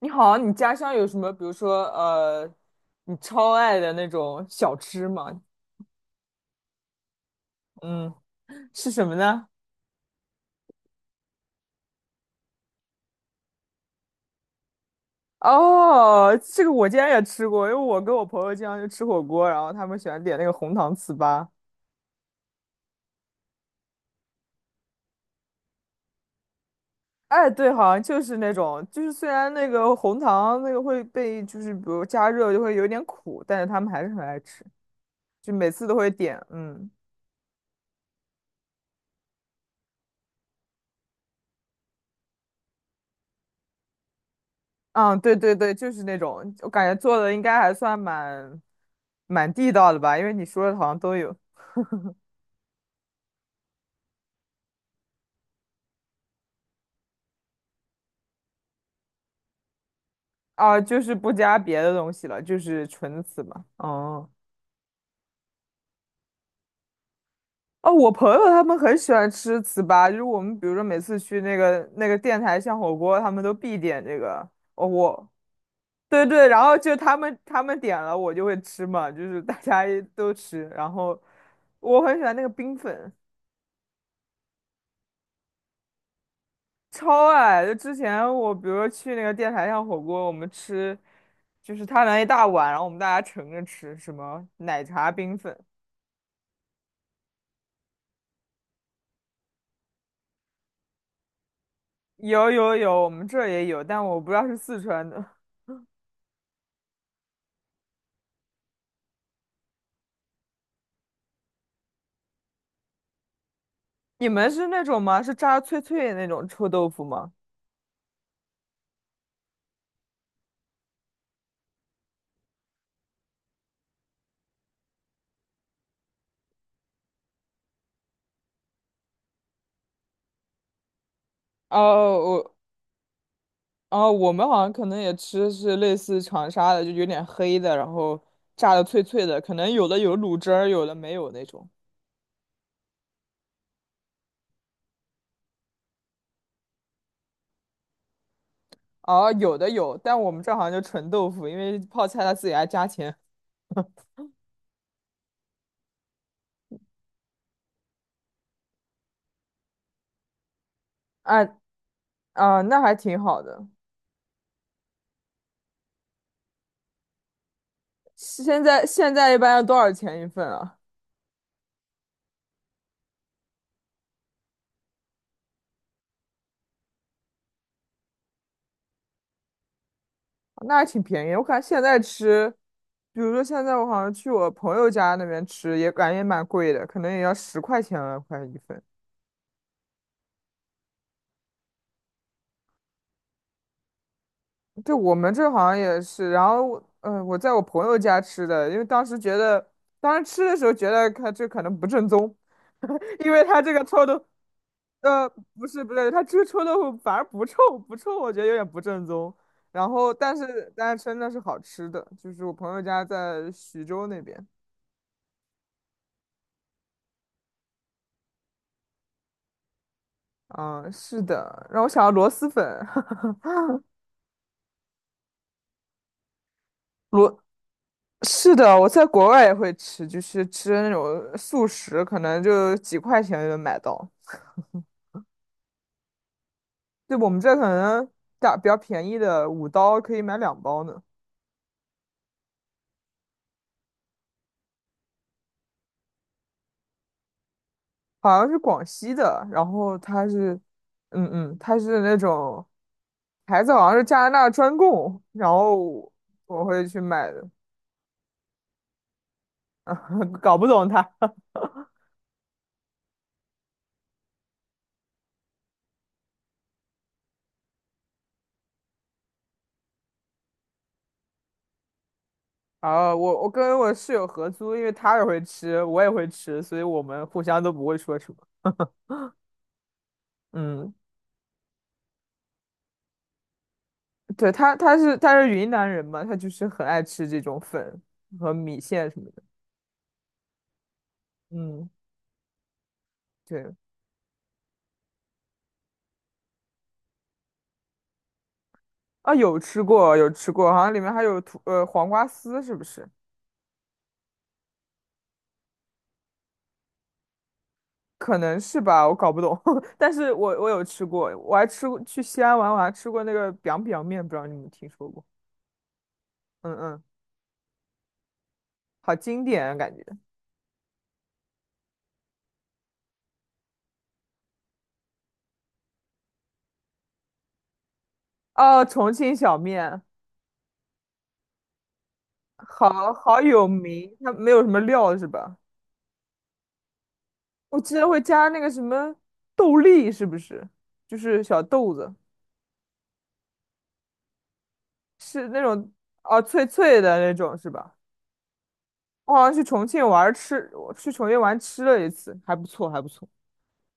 你好，你家乡有什么，比如说你超爱的那种小吃吗？嗯，是什么呢？哦，这个我竟然也吃过，因为我跟我朋友经常去吃火锅，然后他们喜欢点那个红糖糍粑。哎，对，好像就是那种，就是虽然那个红糖那个会被，就是比如加热就会有点苦，但是他们还是很爱吃，就每次都会点。嗯，嗯，对对对，就是那种，我感觉做的应该还算蛮地道的吧，因为你说的好像都有。啊，就是不加别的东西了，就是纯糍粑。哦哦，我朋友他们很喜欢吃糍粑，就是我们比如说每次去那个电台巷火锅，他们都必点这个。哦，对对，然后就他们点了，我就会吃嘛，就是大家都吃。然后我很喜欢那个冰粉，超爱。就之前我比如说去那个电台巷火锅，我们吃就是他拿一大碗，然后我们大家盛着吃，什么奶茶冰粉。有有有，我们这儿也有，但我不知道是四川的。你们是那种吗？是炸脆脆的那种臭豆腐吗？哦，我哦，我们好像可能也吃是类似长沙的，就有点黑的，然后炸的脆脆的，可能有的有卤汁儿，有的没有那种。哦，有的有，但我们这儿好像就纯豆腐，因为泡菜他自己还加钱。啊啊，那还挺好的。现在一般要多少钱一份啊？那还挺便宜。我感觉现在吃，比如说现在我好像去我朋友家那边吃，也感觉也蛮贵的，可能也要十块钱了，快一份。对，我们这好像也是。然后我，我在我朋友家吃的，因为当时觉得，当时吃的时候觉得他这可能不正宗，因为他这个臭豆，呃，不是不对，他这个臭豆腐反而不臭，不臭，我觉得有点不正宗。然后，但是真的是好吃的，就是我朋友家在徐州那边。嗯，是的，让我想到螺蛳粉，螺，是的，我在国外也会吃，就是吃那种速食，可能就几块钱就能买到。对，我们这可能打比较便宜的，5刀可以买两包呢。好像是广西的，然后它是，嗯嗯，它是那种牌子好像是加拿大专供，然后我会去买的，搞不懂它。啊，我跟我室友合租，因为他也会吃，我也会吃，所以我们互相都不会说什么。嗯，对，他是云南人嘛，他就是很爱吃这种粉和米线什么的。嗯，对啊，有吃过，有吃过，好像里面还有黄瓜丝，是不是？可能是吧，我搞不懂，但是我有吃过，我还吃过去西安玩，我还吃过那个 biang biang 面，不知道你们听说过？嗯嗯，好经典啊感觉。哦，重庆小面，好好有名，它没有什么料是吧？我记得会加那个什么豆粒，是不是？就是小豆子。是那种哦脆脆的那种是吧？我好像去重庆玩儿吃，我去重庆玩吃了一次，还不错还不错，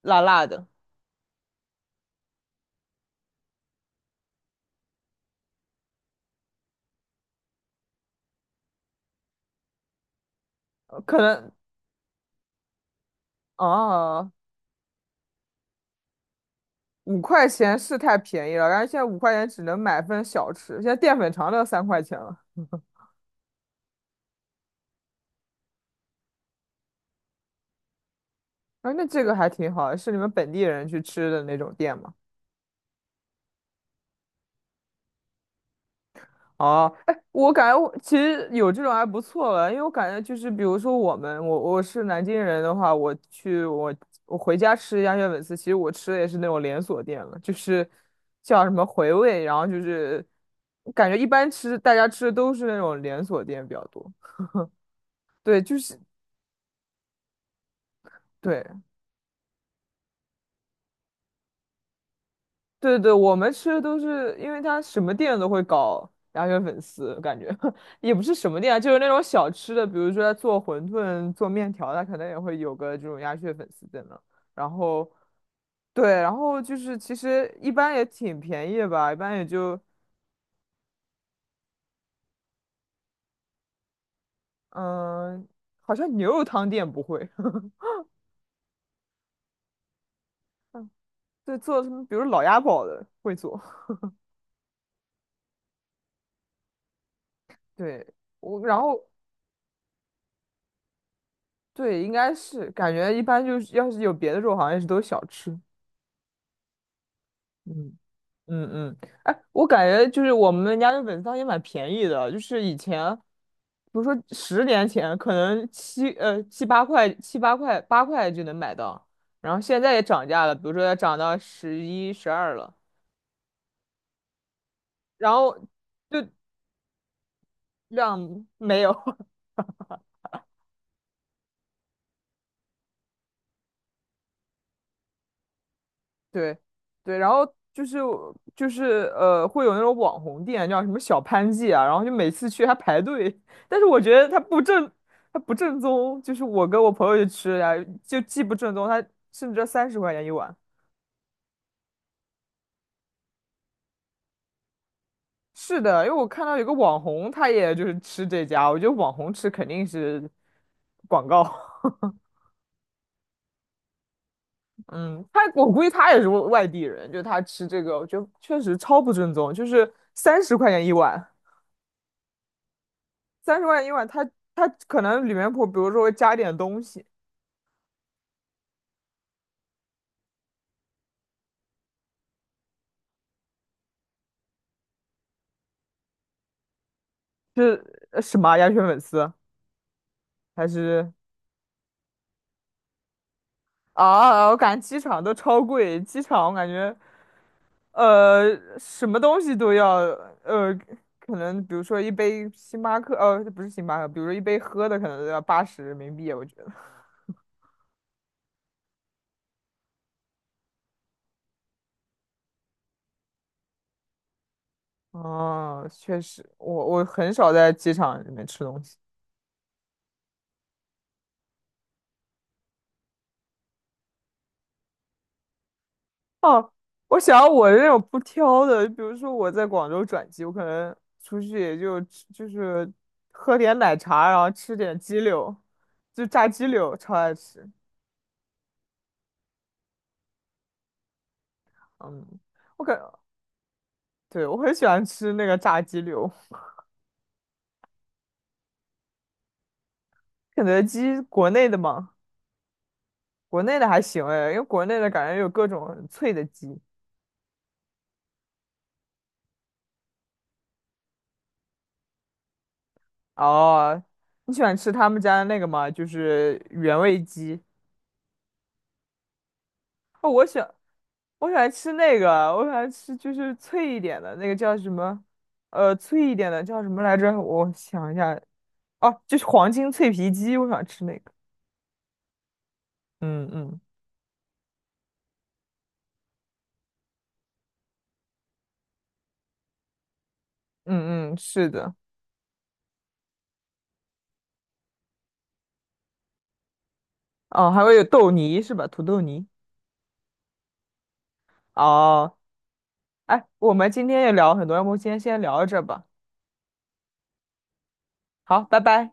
辣辣的，可能哦五块钱是太便宜了，然后现在五块钱只能买份小吃，现在淀粉肠都要3块钱了。啊，那这个还挺好，是你们本地人去吃的那种店吗？哦，哎，我感觉我其实有这种还不错了，因为我感觉就是，比如说我们，我是南京人的话，我回家吃鸭血粉丝，其实我吃的也是那种连锁店了，就是叫什么回味，然后就是感觉一般吃大家吃的都是那种连锁店比较多，对，就是对，对对，我们吃的都是，因为他什么店都会搞鸭血粉丝，感觉 也不是什么店啊，就是那种小吃的，比如说他做馄饨、做面条，它可能也会有个这种鸭血粉丝在那。然后，对，然后就是其实一般也挺便宜的吧，一般也就嗯，好像牛肉汤店不会，对，做什么，比如老鸭煲的会做，对然后对，应该是感觉一般就是要是有别的肉，好像也是都是小吃，嗯。嗯嗯，哎，我感觉就是我们家的粉汤也蛮便宜的，就是以前，比如说10年前，可能七八块、七八块、八块就能买到，然后现在也涨价了，比如说要涨到11、12了，然后就量没有，对对，然后就是就是，会有那种网红店，叫什么小潘记啊，然后就每次去还排队，但是我觉得它不正，它不正宗，就是我跟我朋友去吃呀，就既不正宗，它甚至要三十块钱一碗。是的，因为我看到有个网红，他也就是吃这家，我觉得网红吃肯定是广告。嗯，他我估计他也是外地人，就他吃这个，我觉得确实超不正宗，就是三十块钱一碗。30万一碗，它可能里面谱，比如说会加点东西，是什么啊鸭血粉丝还是啊？啊我感觉机场都超贵，机场我感觉呃什么东西都要呃，可能比如说一杯星巴克，不是星巴克，比如说一杯喝的可能都要80人民币，我觉得。哦，确实，我很少在机场里面吃东西。哦，我想要我那种不挑的，比如说我在广州转机，我可能出去也就吃就是喝点奶茶，然后吃点鸡柳，就炸鸡柳超爱吃。嗯，我感对我很喜欢吃那个炸鸡柳，肯德基国内的嘛，国内的还行哎，因为国内的感觉有各种很脆的鸡。哦，你喜欢吃他们家的那个吗？就是原味鸡。哦，我喜欢。我喜欢吃那个，我喜欢吃就是脆一点的那个叫什么？脆一点的叫什么来着？我想一下，哦，就是黄金脆皮鸡，我想吃那个。嗯嗯嗯嗯，是的。哦，还会有豆泥是吧？土豆泥。哦，哎，我们今天也聊了很多，要不今天先聊到这儿吧。好，拜拜。